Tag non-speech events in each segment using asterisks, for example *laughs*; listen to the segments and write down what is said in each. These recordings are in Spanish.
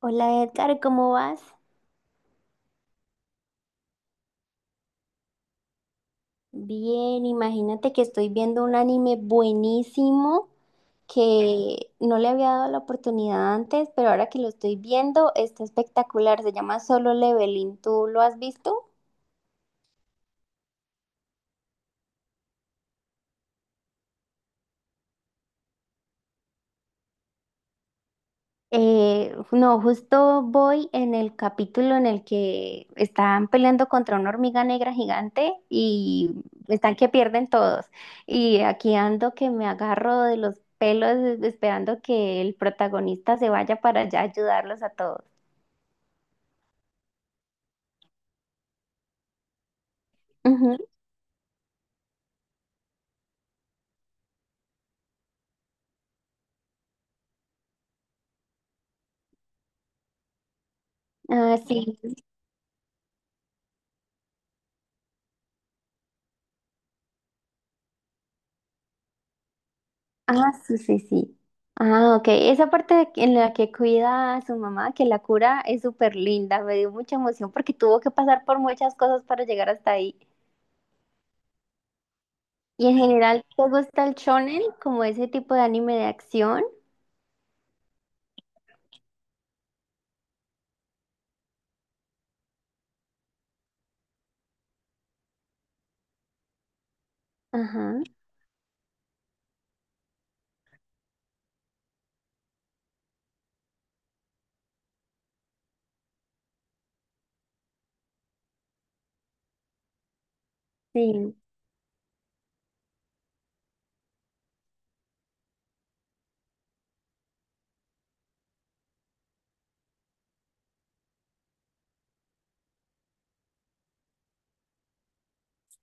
Hola Edgar, ¿cómo vas? Bien, imagínate que estoy viendo un anime buenísimo que no le había dado la oportunidad antes, pero ahora que lo estoy viendo está espectacular. Se llama Solo Leveling. ¿Tú lo has visto? No, justo voy en el capítulo en el que están peleando contra una hormiga negra gigante y están que pierden todos. Y aquí ando que me agarro de los pelos esperando que el protagonista se vaya para allá a ayudarlos a todos. Ujú. Ah, sí. Ah, sí, sí, sí. Ah, ok. Esa parte en la que cuida a su mamá, que la cura, es súper linda. Me dio mucha emoción porque tuvo que pasar por muchas cosas para llegar hasta ahí. Y en general, ¿te gusta el shonen como ese tipo de anime de acción? Ajá, sí.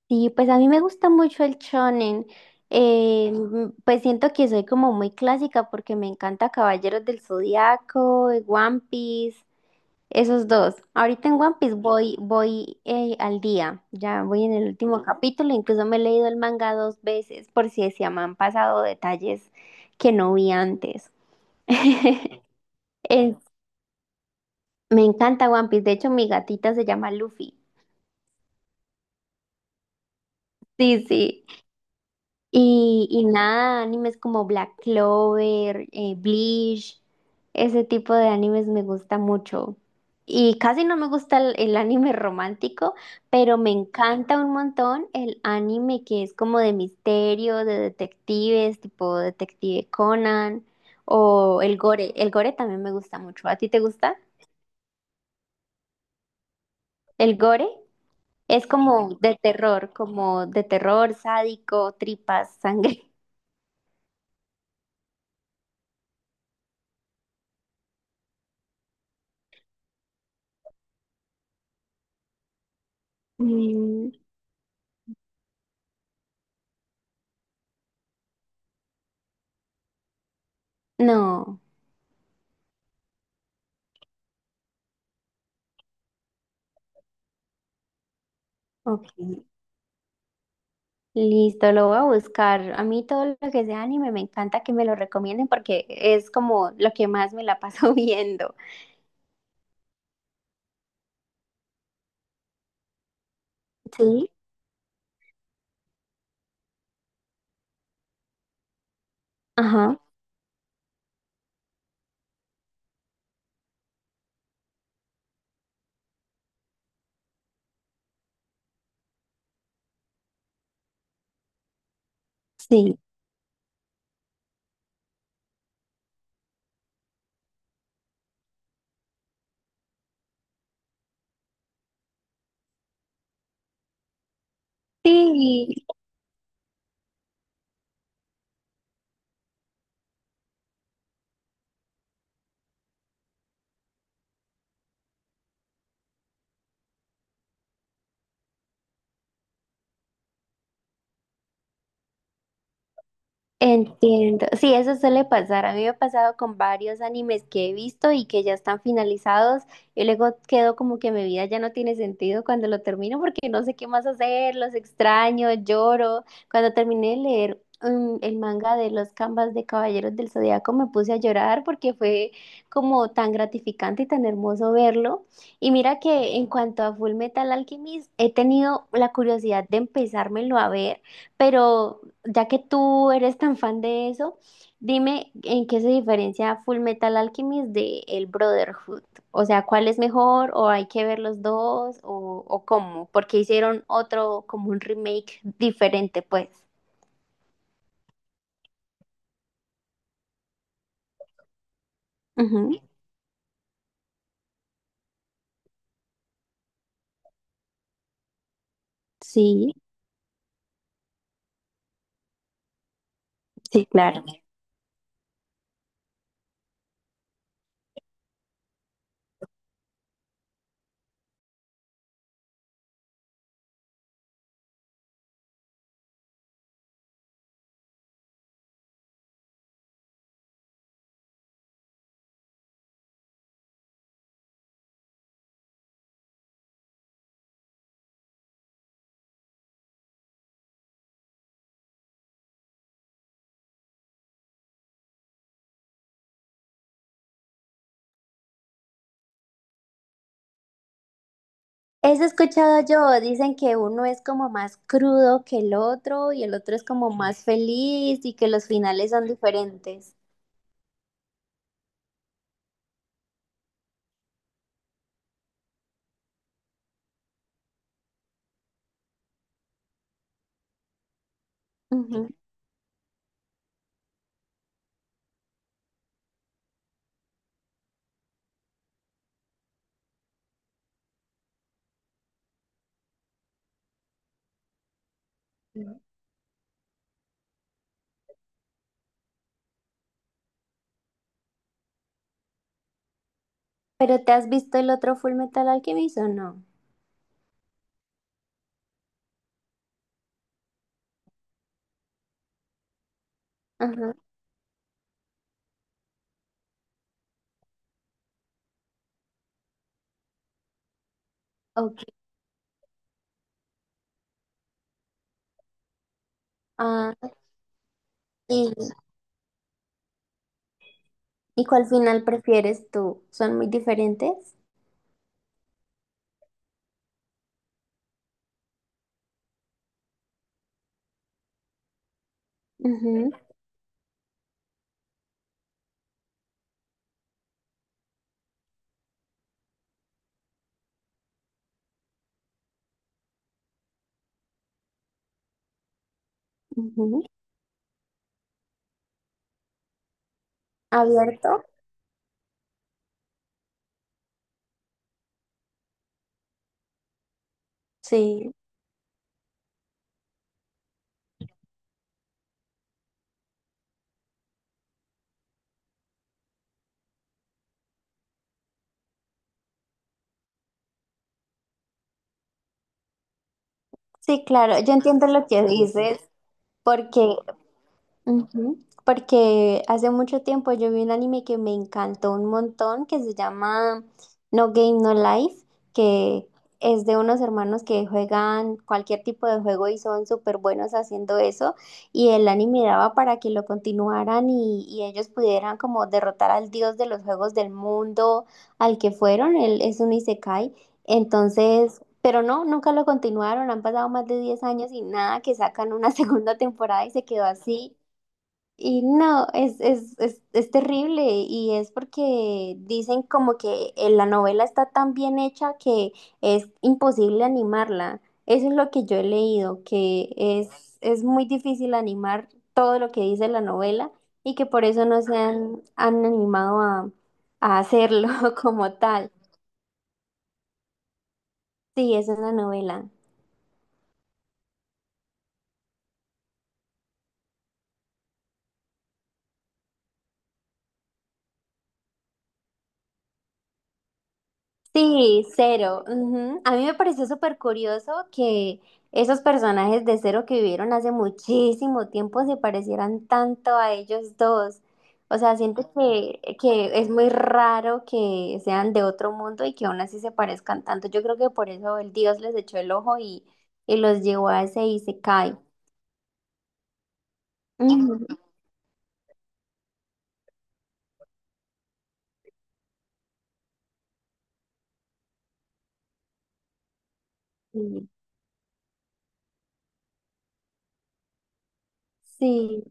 Sí, pues a mí me gusta mucho el shonen. Pues siento que soy como muy clásica porque me encanta Caballeros del Zodiaco, One Piece, esos dos. Ahorita en One Piece voy, al día, ya voy en el último Ujú. Capítulo, incluso me he leído el manga dos veces por si se me han pasado detalles que no vi antes. *laughs* En Me encanta One Piece, de hecho mi gatita se llama Luffy. Sí, sí. Y nada, animes como Black Clover, Bleach, ese tipo de animes me gusta mucho. Y casi no me gusta el anime romántico, pero me encanta un montón el anime que es como de misterio, de detectives, tipo Detective Conan o el gore. El gore también me gusta mucho. ¿A ti te gusta el gore? Es como de terror, sádico, tripas, sangre. *laughs* Mm, no, ok. Listo, lo voy a buscar. A mí todo lo que sea anime me encanta que me lo recomienden porque es como lo que más me la paso *laughs* viendo. Sí. Ajá, sí. Sí, entiendo. Sí, eso suele pasar. A mí me ha pasado con varios animes que he visto y que ya están finalizados y luego quedo como que mi vida ya no tiene sentido cuando lo termino porque no sé qué más hacer, los extraño, lloro. Cuando terminé de leer el manga de los Canvas de Caballeros del Zodiaco me puse a llorar porque fue como tan gratificante y tan hermoso verlo. Y mira que en cuanto a Full Metal Alchemist, he tenido la curiosidad de empezármelo a ver, pero ya que tú eres tan fan de eso, dime en qué se diferencia Full Metal Alchemist de el Brotherhood. O sea, ¿cuál es mejor? ¿O hay que ver los dos? O cómo? Porque hicieron otro, como un remake diferente, pues. Ujú, sí, sí, claro. Eso he escuchado yo, dicen que uno es como más crudo que el otro y el otro es como más feliz y que los finales son diferentes. Ujú. ¿Pero te has visto el otro Full Metal Alchemist o no? Ajá, ok. Ah, ¿y, y cuál final prefieres tú? ¿Son muy diferentes? Ujú, ujú. ¿Abierto? Sí, sí, claro. Yo entiendo lo que dices porque ujú, porque hace mucho tiempo yo vi un anime que me encantó un montón, que se llama No Game No Life, que es de unos hermanos que juegan cualquier tipo de juego y son súper buenos haciendo eso, y el anime daba para que lo continuaran y ellos pudieran como derrotar al dios de los juegos del mundo al que fueron, él es un isekai, entonces... Pero no, nunca lo continuaron, han pasado más de 10 años y nada, que sacan una *laughs* segunda temporada y se quedó así. Y no, es terrible y es porque dicen como que la novela está tan bien hecha que es imposible animarla. Eso es lo que yo he leído, que es muy difícil animar todo lo que dice la novela y que por eso no se han, han animado a hacerlo *laughs* como tal. Sí, es una novela. Sí, Cero. Ujú. A mí me pareció súper curioso que esos personajes de Cero que vivieron hace muchísimo tiempo se parecieran tanto a ellos dos. O sea, siento que es muy raro que sean de otro mundo y que aún así se parezcan tanto. Yo creo que por eso el Dios les echó el ojo y los llevó a ese y se cae. Sí, sí.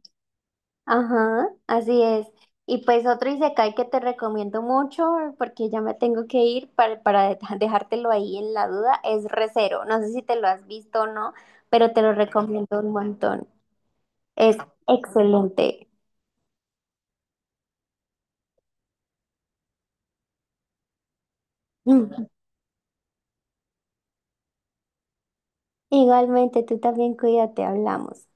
Ajá, así es. Y pues otro Isekai que te recomiendo mucho, porque ya me tengo que ir para *laughs* dejártelo ahí en la duda, es Recero. No sé si te lo has visto o no, pero te lo recomiendo un montón. Es excelente. *laughs* Igualmente, tú también cuídate, hablamos.